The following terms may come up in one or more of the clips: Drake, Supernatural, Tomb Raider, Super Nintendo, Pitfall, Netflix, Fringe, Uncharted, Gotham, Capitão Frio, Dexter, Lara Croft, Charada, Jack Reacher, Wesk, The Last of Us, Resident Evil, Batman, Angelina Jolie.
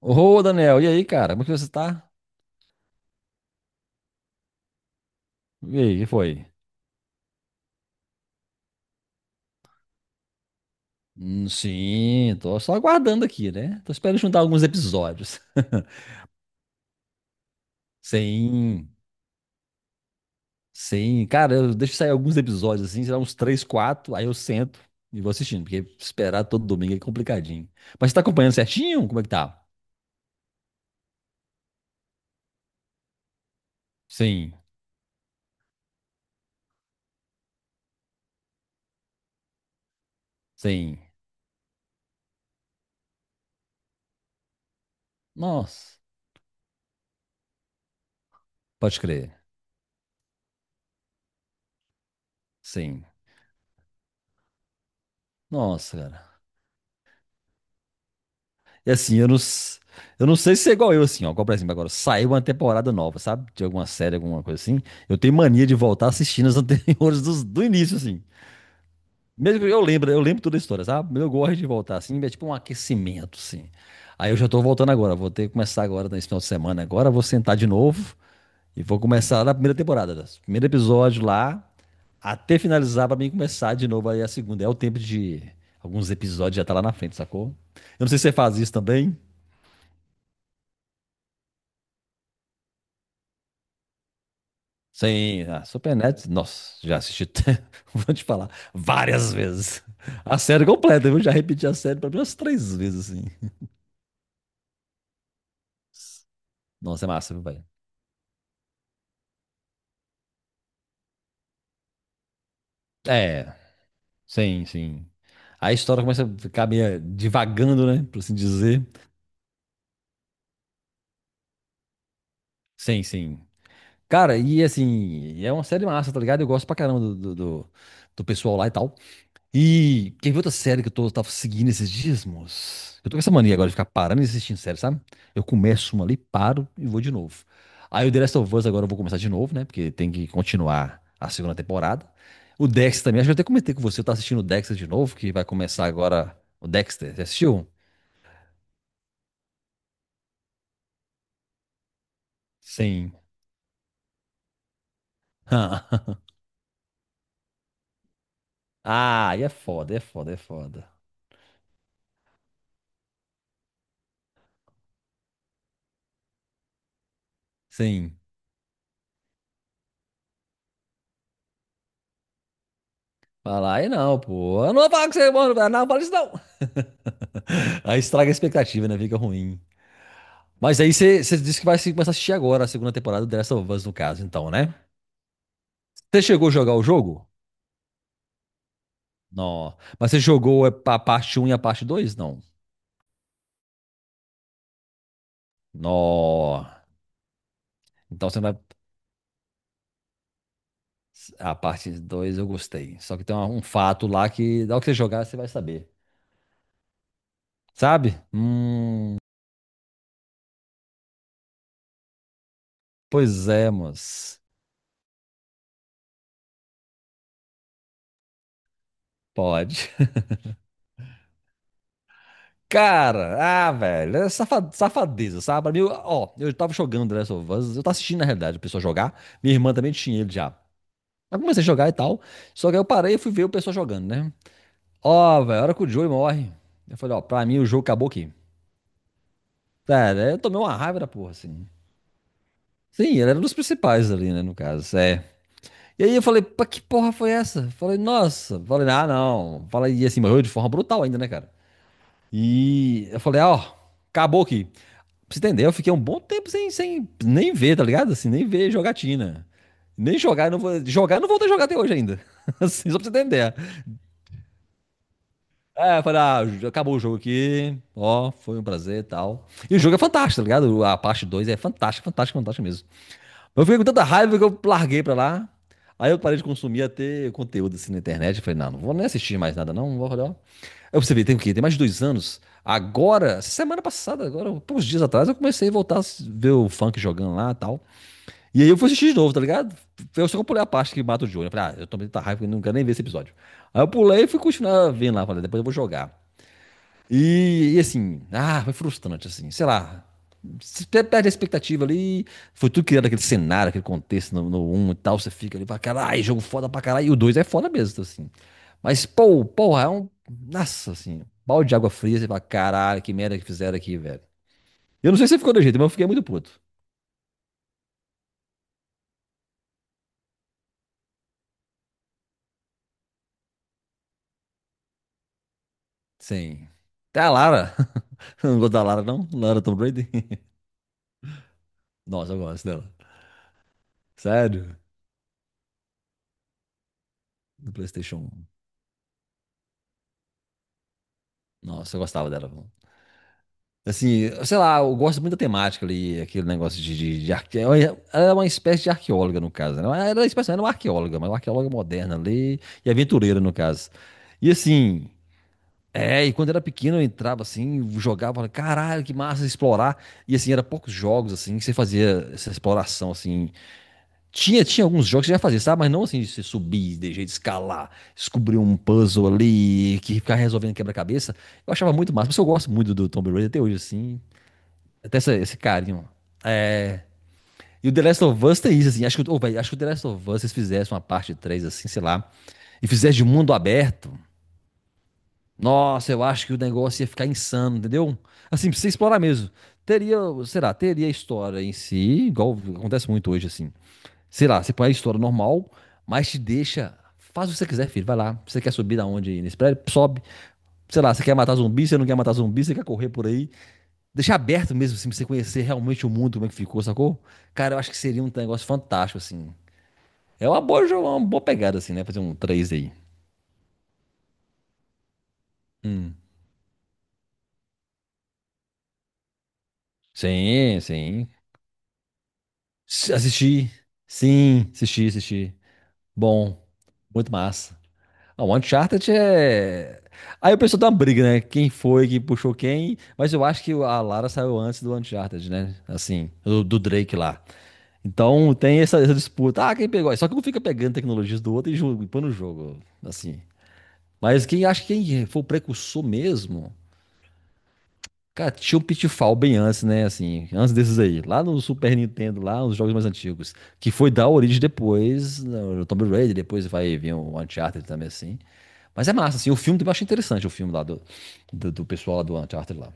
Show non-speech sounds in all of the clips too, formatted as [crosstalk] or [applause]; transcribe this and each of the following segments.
Ô, Daniel, e aí, cara? Como que você tá? E aí, o que foi? Sim, tô só aguardando aqui, né? Tô esperando juntar alguns episódios. [laughs] Sim, sim. Cara, eu deixo sair alguns episódios, assim, sei lá, uns três, quatro, aí eu sento e vou assistindo, porque esperar todo domingo é complicadinho. Mas você tá acompanhando certinho? Como é que tá? Sim, sim. Nossa, pode crer. Sim. Nossa, cara. E assim, eu não, eu não sei se é igual eu, assim, ó. Igual, por exemplo, agora saiu uma temporada nova, sabe? De alguma série, alguma coisa assim. Eu tenho mania de voltar assistindo as [laughs] anteriores do início, assim. Mesmo que eu lembro toda a história, sabe? Eu gosto de voltar, assim, é tipo um aquecimento, assim. Aí eu já tô voltando agora, vou ter que começar agora nesse final de semana. Agora eu vou sentar de novo e vou começar na primeira temporada, né? Primeiro episódio lá, até finalizar pra mim começar de novo aí a segunda. É o tempo de alguns episódios já tá lá na frente, sacou? Eu não sei se você faz isso também. Sim, a Supernatural, nossa, já assisti, [laughs] vou te falar, várias vezes. A série completa, eu já repeti a série pelo menos três vezes, assim. Nossa, é massa, viu, velho? É, sim, sim. A história começa a ficar meio divagando, né? Por assim dizer. Sim, sim. Cara, e assim, é uma série massa, tá ligado? Eu gosto pra caramba do pessoal lá e tal. E quer ver outra série que eu tô, tava seguindo esses dias, moço? Eu tô com essa mania agora de ficar parando e assistindo série, sabe? Eu começo uma ali, paro e vou de novo. Aí o The Last of Us agora eu vou começar de novo, né? Porque tem que continuar a segunda temporada. O Dexter também, acho que eu até comentei com você, eu tô assistindo o Dexter de novo, que vai começar agora o Dexter. Você assistiu? Sim. [laughs] Ah, e é foda, é foda, é foda. Sim. Fala, aí não, pô. Eu não vou falar com você, mano. Não, fala isso não. [laughs] Aí estraga a expectativa, né? Fica ruim. Mas aí você você disse que vai começar a assistir agora a segunda temporada do The Last of Us, no caso, então, né? Você chegou a jogar o jogo? Não. Mas você jogou é, a parte um e a parte dois? Não. Não. Então você não vai. A parte 2 eu gostei. Só que tem um fato lá que, ao que você jogar, você vai saber. Sabe? Hum. Pois é, moço. Pode. [laughs] Cara, ah, velho, é safadeza, sabe? Pra mim, ó, eu tava jogando The Last of Us, eu tava assistindo, na realidade, a pessoa jogar. Minha irmã também tinha ele já. Aí comecei a jogar e tal. Só que aí eu parei e fui ver o pessoal jogando, né? Ó, velho, a hora que o Joey morre. Eu falei, ó, pra mim o jogo acabou aqui. Cara, eu tomei uma raiva da porra, assim. Sim, ele era um dos principais ali, né, no caso. É. E aí eu falei, pá, que porra foi essa? Falei, nossa. Falei, ah, não. Falei, e assim, morreu de forma brutal ainda, né, cara? E eu falei, ah, ó, acabou aqui. Pra você entender, eu fiquei um bom tempo sem nem ver, tá ligado? Assim, nem ver jogatina. Nem jogar, eu não vou. Jogar, eu não vou ter jogar até hoje ainda. [laughs] Assim, só pra você entender. É, eu falei, ah, acabou o jogo aqui, ó, foi um prazer e tal. E o jogo é fantástico, tá ligado? A parte 2 é fantástica, fantástica, fantástica mesmo. Mas eu fiquei com tanta raiva que eu larguei pra lá. Aí eu parei de consumir até conteúdo assim na internet. Eu falei, não, não vou nem assistir mais nada, não. Não vou olhar. Eu percebi, tem o quê? Tem mais de 2 anos. Agora, essa semana passada, agora, poucos dias atrás, eu comecei a voltar a ver o funk jogando lá e tal. E aí eu fui assistir de novo, tá ligado? Eu só pulei a parte que mata o Johnny. Eu falei, ah, eu tomei tanta raiva que eu não quero nem ver esse episódio. Aí eu pulei e fui continuar vendo lá. Falei, depois eu vou jogar. E assim, ah, foi frustrante, assim, sei lá. Você perde a expectativa ali, foi tudo criando aquele cenário, aquele contexto no 1 e tal, você fica ali pra caralho, jogo foda pra caralho, e o 2 é foda mesmo, assim. Mas, pô, porra, é um. Nossa, assim, balde de água fria, você fala, caralho, que merda que fizeram aqui, velho. Eu não sei se ficou do jeito, mas eu fiquei muito puto. Sim. Até a Lara. [laughs] Eu não gosto da Lara, não? Lara Tomb Raider? [laughs] Nossa, eu gosto dela. Sério? Do PlayStation 1. Nossa, eu gostava dela. Assim, sei lá, eu gosto muito da temática ali, aquele negócio de arque... Ela é uma espécie de arqueóloga, no caso, né? Ela era uma espécie, era uma arqueóloga, mas uma arqueóloga moderna ali e aventureira, no caso. E assim, é, e quando era pequeno eu entrava assim, jogava, falava, caralho, que massa explorar. E assim, era poucos jogos assim que você fazia essa exploração assim. Tinha, tinha alguns jogos que você já fazia, sabe? Mas não assim de você subir, de jeito de escalar, descobrir um puzzle ali, que ficar resolvendo quebra-cabeça. Eu achava muito massa, mas eu gosto muito do Tomb Raider até hoje, assim. Até esse carinho. É. E o The Last of Us tem isso, assim. Acho que, ô, véi, acho que o The Last of Us, se eles fizessem uma parte 3 assim, sei lá, e fizessem de mundo aberto, nossa, eu acho que o negócio ia ficar insano, entendeu? Assim, pra você explorar mesmo. Teria, sei lá, teria a história em si, igual acontece muito hoje, assim. Sei lá, você põe a história normal, mas te deixa. Faz o que você quiser, filho. Vai lá. Você quer subir da onde nesse prédio? Sobe. Sei lá, você quer matar zumbi, você não quer matar zumbi, você quer correr por aí. Deixar aberto mesmo, assim, pra você conhecer realmente o mundo, como é que ficou, sacou? Cara, eu acho que seria um negócio fantástico, assim. É uma boa, uma boa pegada, assim, né? Fazer um 3 aí. Hum. Sim, sim. Assisti. Sim, assisti, assisti. Bom, muito massa. Ah, o Uncharted é. Aí o pessoal dá uma briga, né? Quem foi que puxou quem? Mas eu acho que a Lara saiu antes do Uncharted, né? Assim, do Drake lá. Então tem essa disputa. Ah, quem pegou? Só que um fica pegando tecnologias do outro e jogo, e põe no jogo, assim. Mas quem acha que quem foi o precursor mesmo, cara, tinha um Pitfall bem antes, né? Assim, antes desses aí, lá no Super Nintendo, lá nos jogos mais antigos, que foi dar origem depois, no Tomb Raider, depois vai vir o Uncharted também, assim. Mas é massa, assim, o filme também eu acho interessante, o filme lá do pessoal lá do Uncharted lá.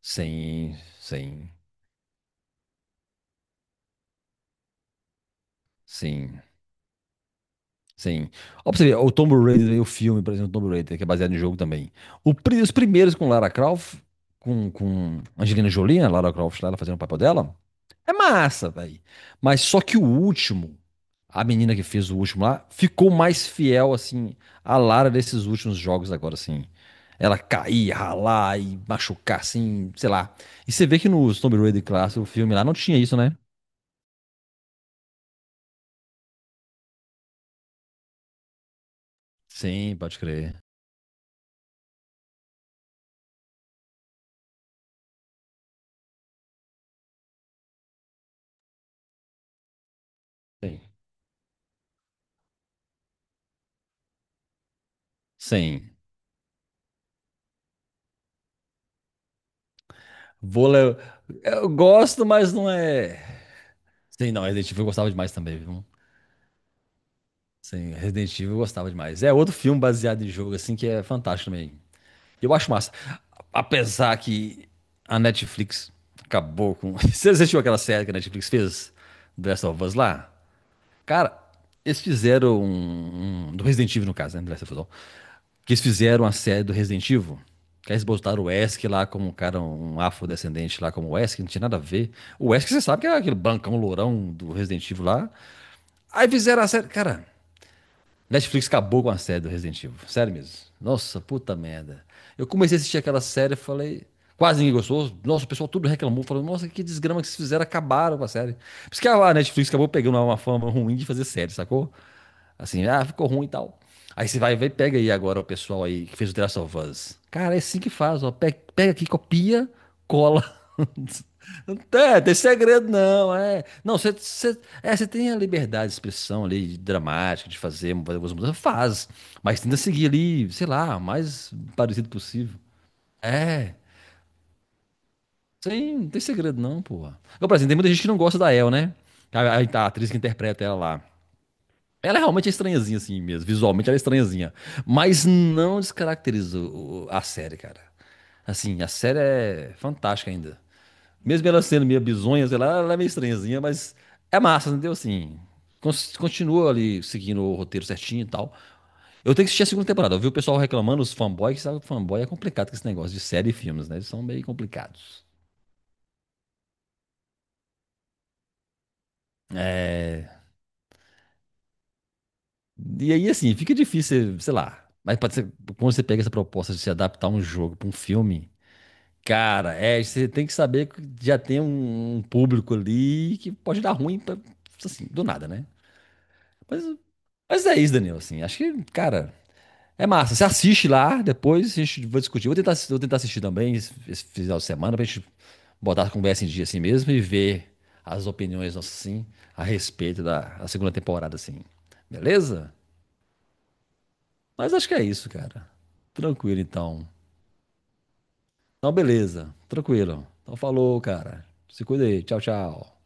Sim, sim, sim. Sim. Ó, pra você ver, o Tomb Raider, o filme, por exemplo, Tomb Raider, que é baseado no jogo também. Os primeiros com Lara Croft, com Angelina Jolie, né, Lara Croft lá, ela fazendo o papel dela, é massa, velho. Mas só que o último, a menina que fez o último lá, ficou mais fiel, assim, à Lara desses últimos jogos agora, assim. Ela cair, ralar e machucar, assim, sei lá. E você vê que no Tomb Raider clássico, o filme lá, não tinha isso, né? Sim, pode crer. Sim. Sim. Vôlei, eu gosto, mas não é. Sei não, Resident Evil eu gostava demais também, viu? Sim, Resident Evil eu gostava demais. É outro filme baseado em jogo, assim, que é fantástico também. Eu acho massa. Apesar que a Netflix acabou com. [laughs] Você assistiu aquela série que a Netflix fez? The Last of Us lá? Cara, eles fizeram do Resident Evil, no caso, né? The Last of Us. Que eles fizeram a série do Resident Evil. Que eles botaram o Wesk lá como um cara, um afrodescendente lá como o Wesk, não tinha nada a ver. O Wesk, você sabe que é aquele bancão lourão do Resident Evil lá. Aí fizeram a série. Cara, Netflix acabou com a série do Resident Evil. Sério mesmo. Nossa, puta merda. Eu comecei a assistir aquela série e falei. Quase ninguém gostou. Nossa, o pessoal tudo reclamou. Falou, nossa, que desgrama que vocês fizeram. Acabaram com a série. Por isso que a Netflix acabou pegando uma fama ruim de fazer série, sacou? Assim, ah, ficou ruim e tal. Aí você vai, vai, pega aí agora o pessoal aí que fez o The Last of Us. Cara, é assim que faz, ó. Pega, pega aqui, copia, cola. [laughs] Não tem, tem segredo, não. É. Não, você, você, é, você tem a liberdade de expressão ali, de dramática, de fazer algumas mudanças. Faz. Mas tenta seguir ali, sei lá, o mais parecido possível. É. Sem, não tem segredo, não, porra. Eu, por exemplo, tem muita gente que não gosta da El, né? A atriz que interpreta ela lá. Ela é realmente estranhazinha, assim mesmo. Visualmente ela é estranhazinha. Mas não descaracteriza a série, cara. Assim, a série é fantástica ainda. Mesmo ela sendo meio bizonha, sei lá, ela é meio estranhazinha, mas é massa, entendeu? Assim, continua ali seguindo o roteiro certinho e tal. Eu tenho que assistir a segunda temporada. Eu vi o pessoal reclamando, os fanboys, que sabe que fanboy é complicado com esse negócio de série e filmes, né? Eles são meio complicados. É... E aí, assim, fica difícil, sei lá. Mas pode ser, quando você pega essa proposta de se adaptar um jogo pra um filme. Cara, é, você tem que saber que já tem um público ali que pode dar ruim, pra- assim, do nada, né? Mas, mas é isso, Danilo, assim, acho que, cara, é massa. Você assiste lá, depois a gente vai discutir. Vou tentar, vou tentar assistir também esse final de semana pra gente botar a conversa em dia assim mesmo e ver as opiniões nossas, assim, a respeito da segunda temporada, assim. Beleza? Mas acho que é isso, cara. Tranquilo, então. Então, beleza. Tranquilo. Então, falou, cara. Se cuida aí. Tchau, tchau.